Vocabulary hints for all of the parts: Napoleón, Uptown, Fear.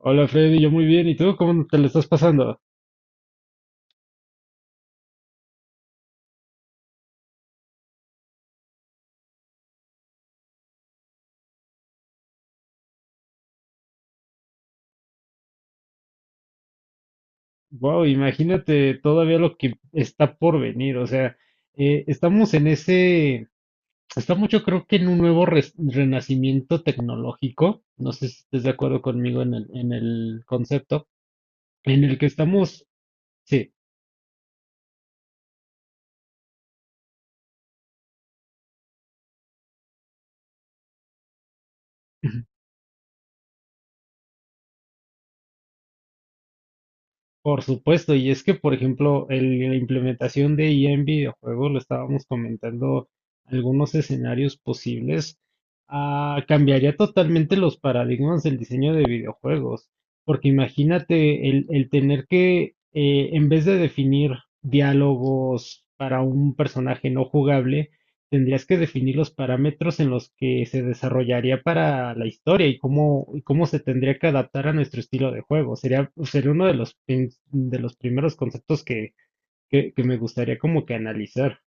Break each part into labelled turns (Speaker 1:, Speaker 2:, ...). Speaker 1: Hola Freddy, yo muy bien. ¿Y tú cómo te lo estás pasando? Wow, imagínate todavía lo que está por venir. O sea, estamos en estamos yo creo que en un nuevo renacimiento tecnológico. No sé si estés de acuerdo conmigo en en el concepto, en el que estamos, sí. Por supuesto, y es que, por ejemplo, la implementación de IA en videojuegos, lo estábamos comentando, algunos escenarios posibles, cambiaría totalmente los paradigmas del diseño de videojuegos. Porque imagínate el tener que, en vez de definir diálogos para un personaje no jugable, tendrías que definir los parámetros en los que se desarrollaría para la historia y y cómo se tendría que adaptar a nuestro estilo de juego. Sería uno de de los primeros conceptos que me gustaría como que analizar.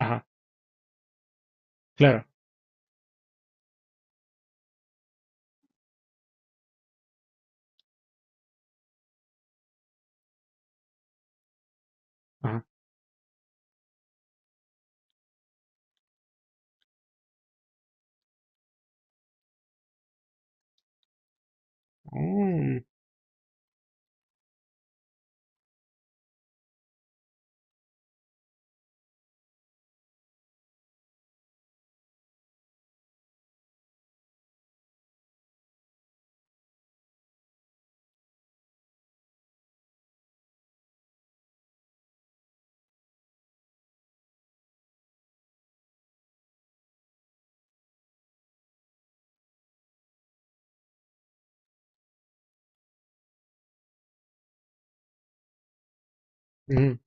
Speaker 1: Ajá, claro. Ajá. Mm, mm.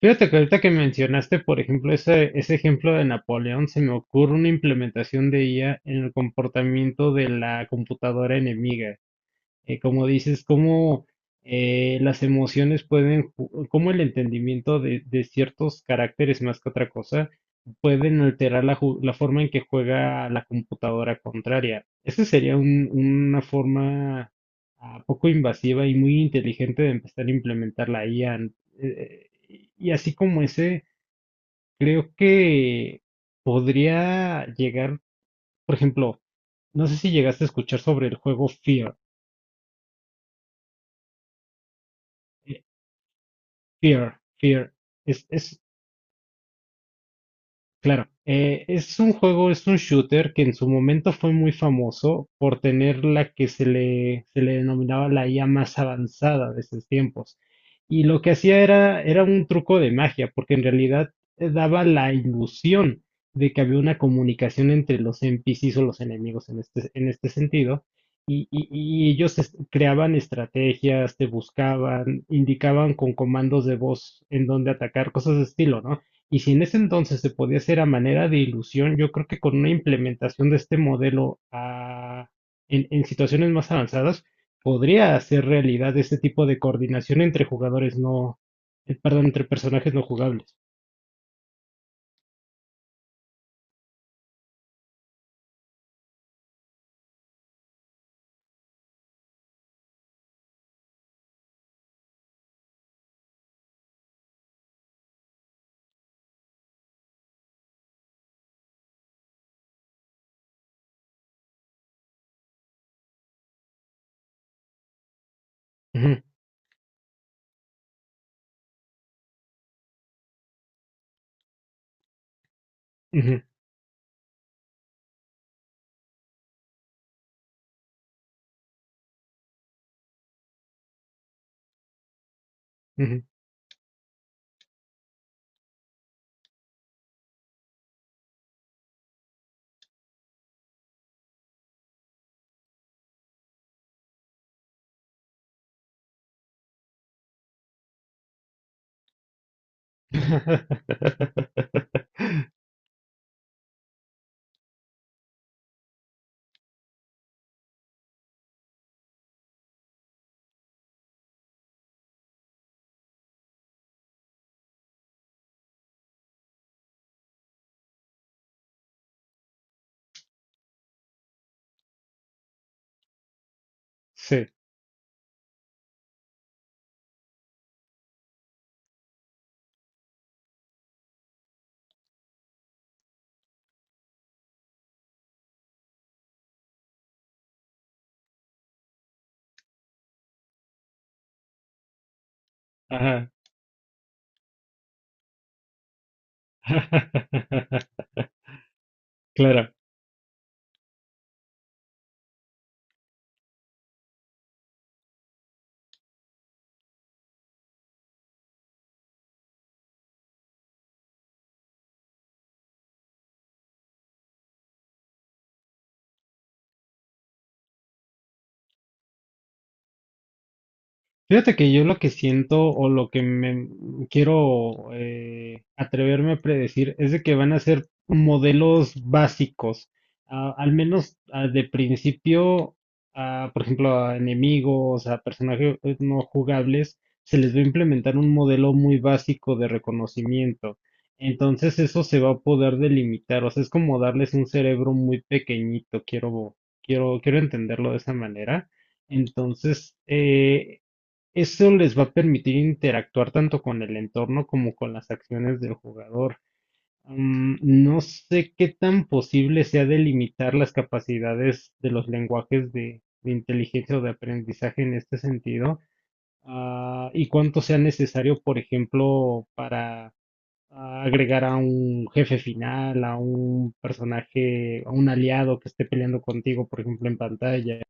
Speaker 1: Fíjate que ahorita que mencionaste, por ejemplo, ese ejemplo de Napoleón, se me ocurre una implementación de IA en el comportamiento de la computadora enemiga. Eh, como dices, cómo las emociones pueden, cómo el entendimiento de ciertos caracteres más que otra cosa pueden alterar la forma en que juega la computadora contraria. Esa sería una forma poco invasiva y muy inteligente de empezar a implementar la IA. Y así como ese, creo que podría llegar, por ejemplo, no sé si llegaste a escuchar sobre el juego Fear. eh, Fear, fear. Es, es, Claro, es un juego, es un shooter que en su momento fue muy famoso por tener la que se se le denominaba la IA más avanzada de esos tiempos. Y lo que hacía era un truco de magia, porque en realidad daba la ilusión de que había una comunicación entre los NPCs o los enemigos en en este sentido, y ellos creaban estrategias, te buscaban, indicaban con comandos de voz en dónde atacar, cosas de estilo, ¿no? Y si en ese entonces se podía hacer a manera de ilusión, yo creo que con una implementación de este modelo en situaciones más avanzadas, podría hacer realidad este tipo de coordinación entre jugadores no, perdón, entre personajes no jugables. Ujú, ujú, ujú. Sí, ajá. Claro. Fíjate que yo lo que siento o lo que me quiero atreverme a predecir es de que van a ser modelos básicos, ah, al menos ah, de principio, ah, por ejemplo, a enemigos, a personajes no jugables, se les va a implementar un modelo muy básico de reconocimiento. Entonces eso se va a poder delimitar, o sea, es como darles un cerebro muy pequeñito, quiero entenderlo de esa manera. Entonces, eso les va a permitir interactuar tanto con el entorno como con las acciones del jugador. Mm, no sé qué tan posible sea delimitar las capacidades de los lenguajes de inteligencia o de aprendizaje en este sentido, ah, y cuánto sea necesario, por ejemplo, para ah, agregar a un jefe final, a un personaje, a un aliado que esté peleando contigo, por ejemplo, en pantalla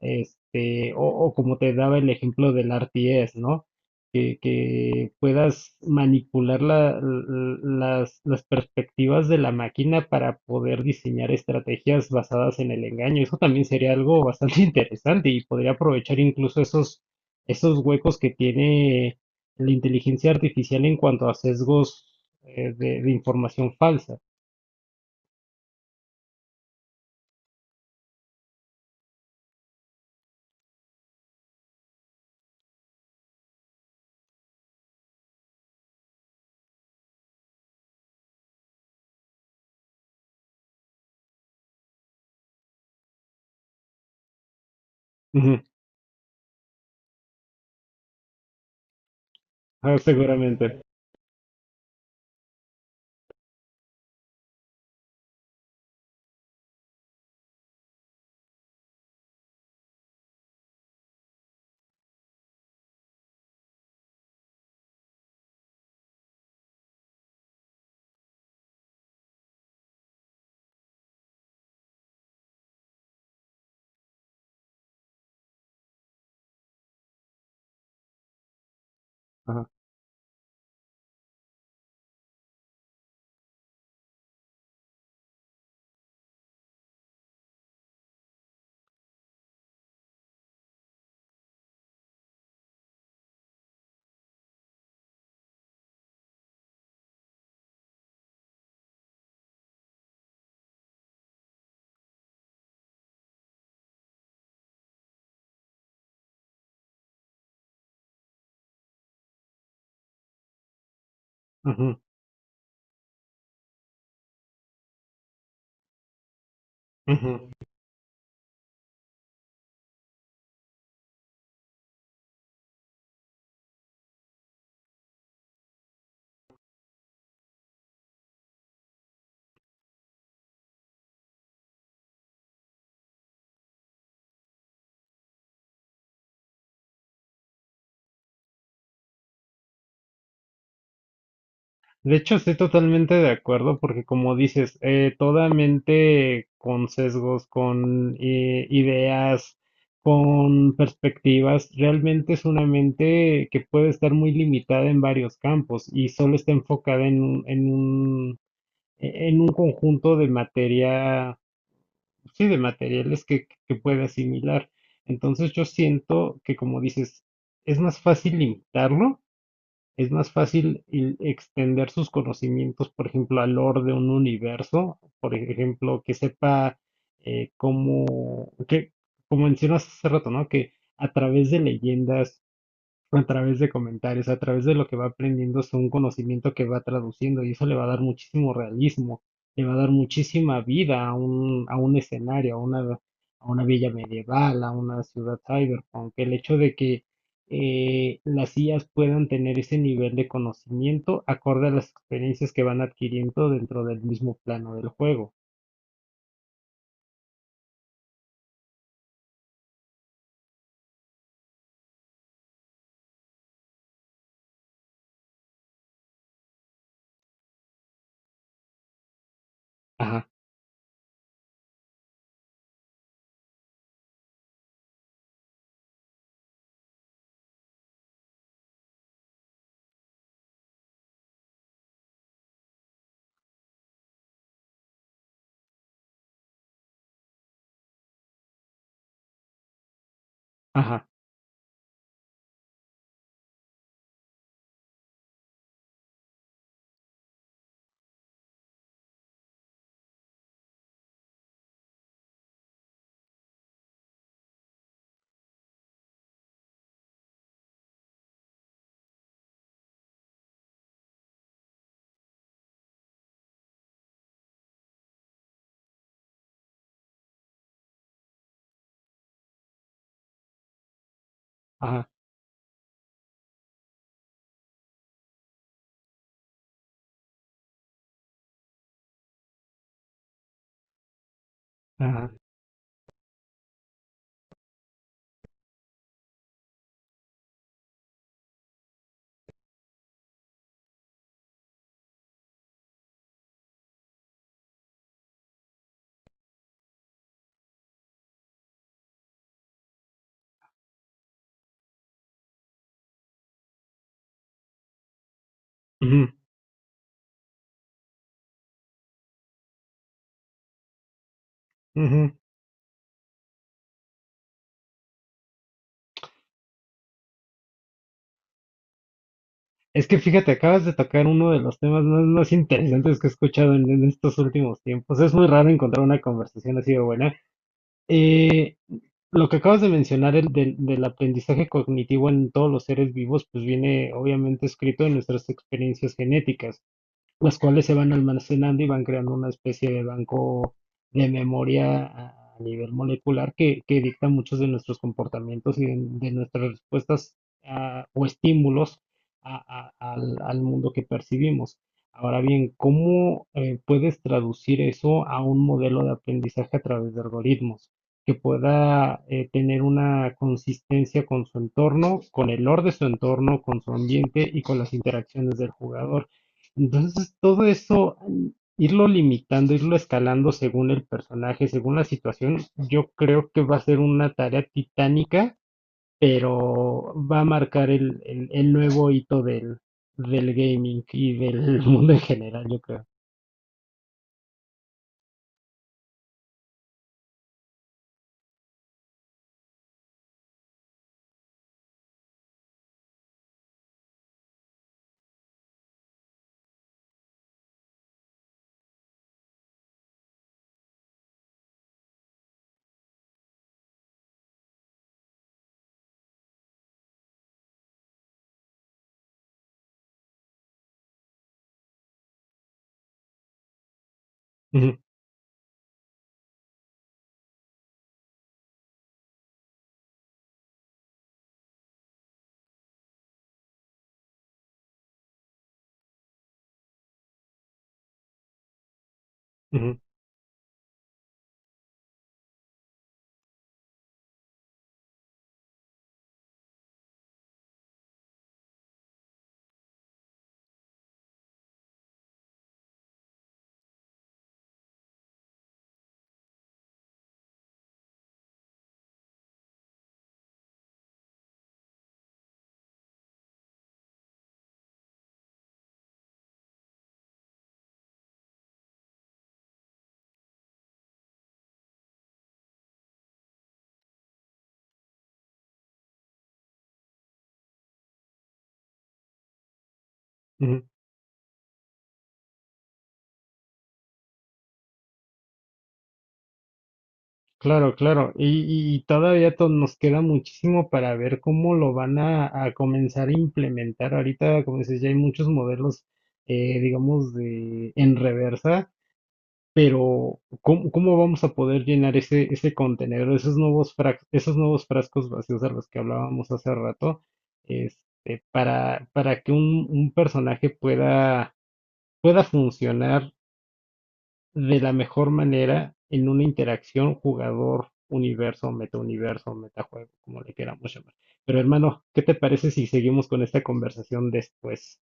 Speaker 1: este, o como te daba el ejemplo del RTS, ¿no? Que puedas manipular las perspectivas de la máquina para poder diseñar estrategias basadas en el engaño. Eso también sería algo bastante interesante y podría aprovechar incluso esos huecos que tiene la inteligencia artificial en cuanto a sesgos de información falsa. Ujú. Ah, seguramente. Ajá. Ujú. Ujú. De hecho, estoy totalmente de acuerdo porque como dices, toda mente con sesgos, con ideas, con perspectivas, realmente es una mente que puede estar muy limitada en varios campos y solo está enfocada en en un conjunto de materia, sí, de materiales que puede asimilar. Entonces yo siento que como dices, es más fácil limitarlo, es más fácil el extender sus conocimientos, por ejemplo, al lore de un universo, por ejemplo, que sepa eh, cómo, que, como mencionas hace rato, ¿no? Que a través de leyendas, a través de comentarios, a través de lo que va aprendiendo, es un conocimiento que va traduciendo y eso le va a dar muchísimo realismo, le va a dar muchísima vida a a un escenario, a una villa medieval, a una ciudad cyberpunk. El hecho de que las IAs puedan tener ese nivel de conocimiento acorde a las experiencias que van adquiriendo dentro del mismo plano del juego. Ajá, ajá, ajá, ajá. Ujú, ujú. Es que fíjate, acabas de tocar uno de los temas más interesantes que he escuchado en estos últimos tiempos. Es muy raro encontrar una conversación así de buena. Eh, lo que acabas de mencionar el del aprendizaje cognitivo en todos los seres vivos, pues viene obviamente escrito en nuestras experiencias genéticas, las cuales se van almacenando y van creando una especie de banco de memoria a nivel molecular que dicta muchos de nuestros comportamientos y de nuestras respuestas ah, o estímulos al mundo que percibimos. Ahora bien, ¿cómo puedes traducir eso a un modelo de aprendizaje a través de algoritmos que pueda tener una consistencia con su entorno, con el orden de su entorno, con su ambiente y con las interacciones del jugador? Entonces, todo eso, irlo limitando, irlo escalando según el personaje, según la situación, yo creo que va a ser una tarea titánica, pero va a marcar el nuevo hito del gaming y del mundo en general, yo creo. Ujú, ujú, ujú. Claro, claro. Y todavía nos queda muchísimo para ver cómo lo van a comenzar a implementar. Ahorita, como dices, ya hay muchos modelos, digamos, de, en reversa. Pero, ¿cómo vamos a poder llenar ese contenedor, esos nuevos esos nuevos frascos vacíos a los que hablábamos hace rato, este, para que un personaje pueda funcionar de la mejor manera en una interacción jugador, universo, metauniverso, metajuego, como le queramos llamar? Pero hermano, ¿qué te parece si seguimos con esta conversación después?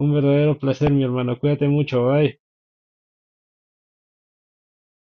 Speaker 1: Un verdadero placer, mi hermano. Cuídate mucho. Bye.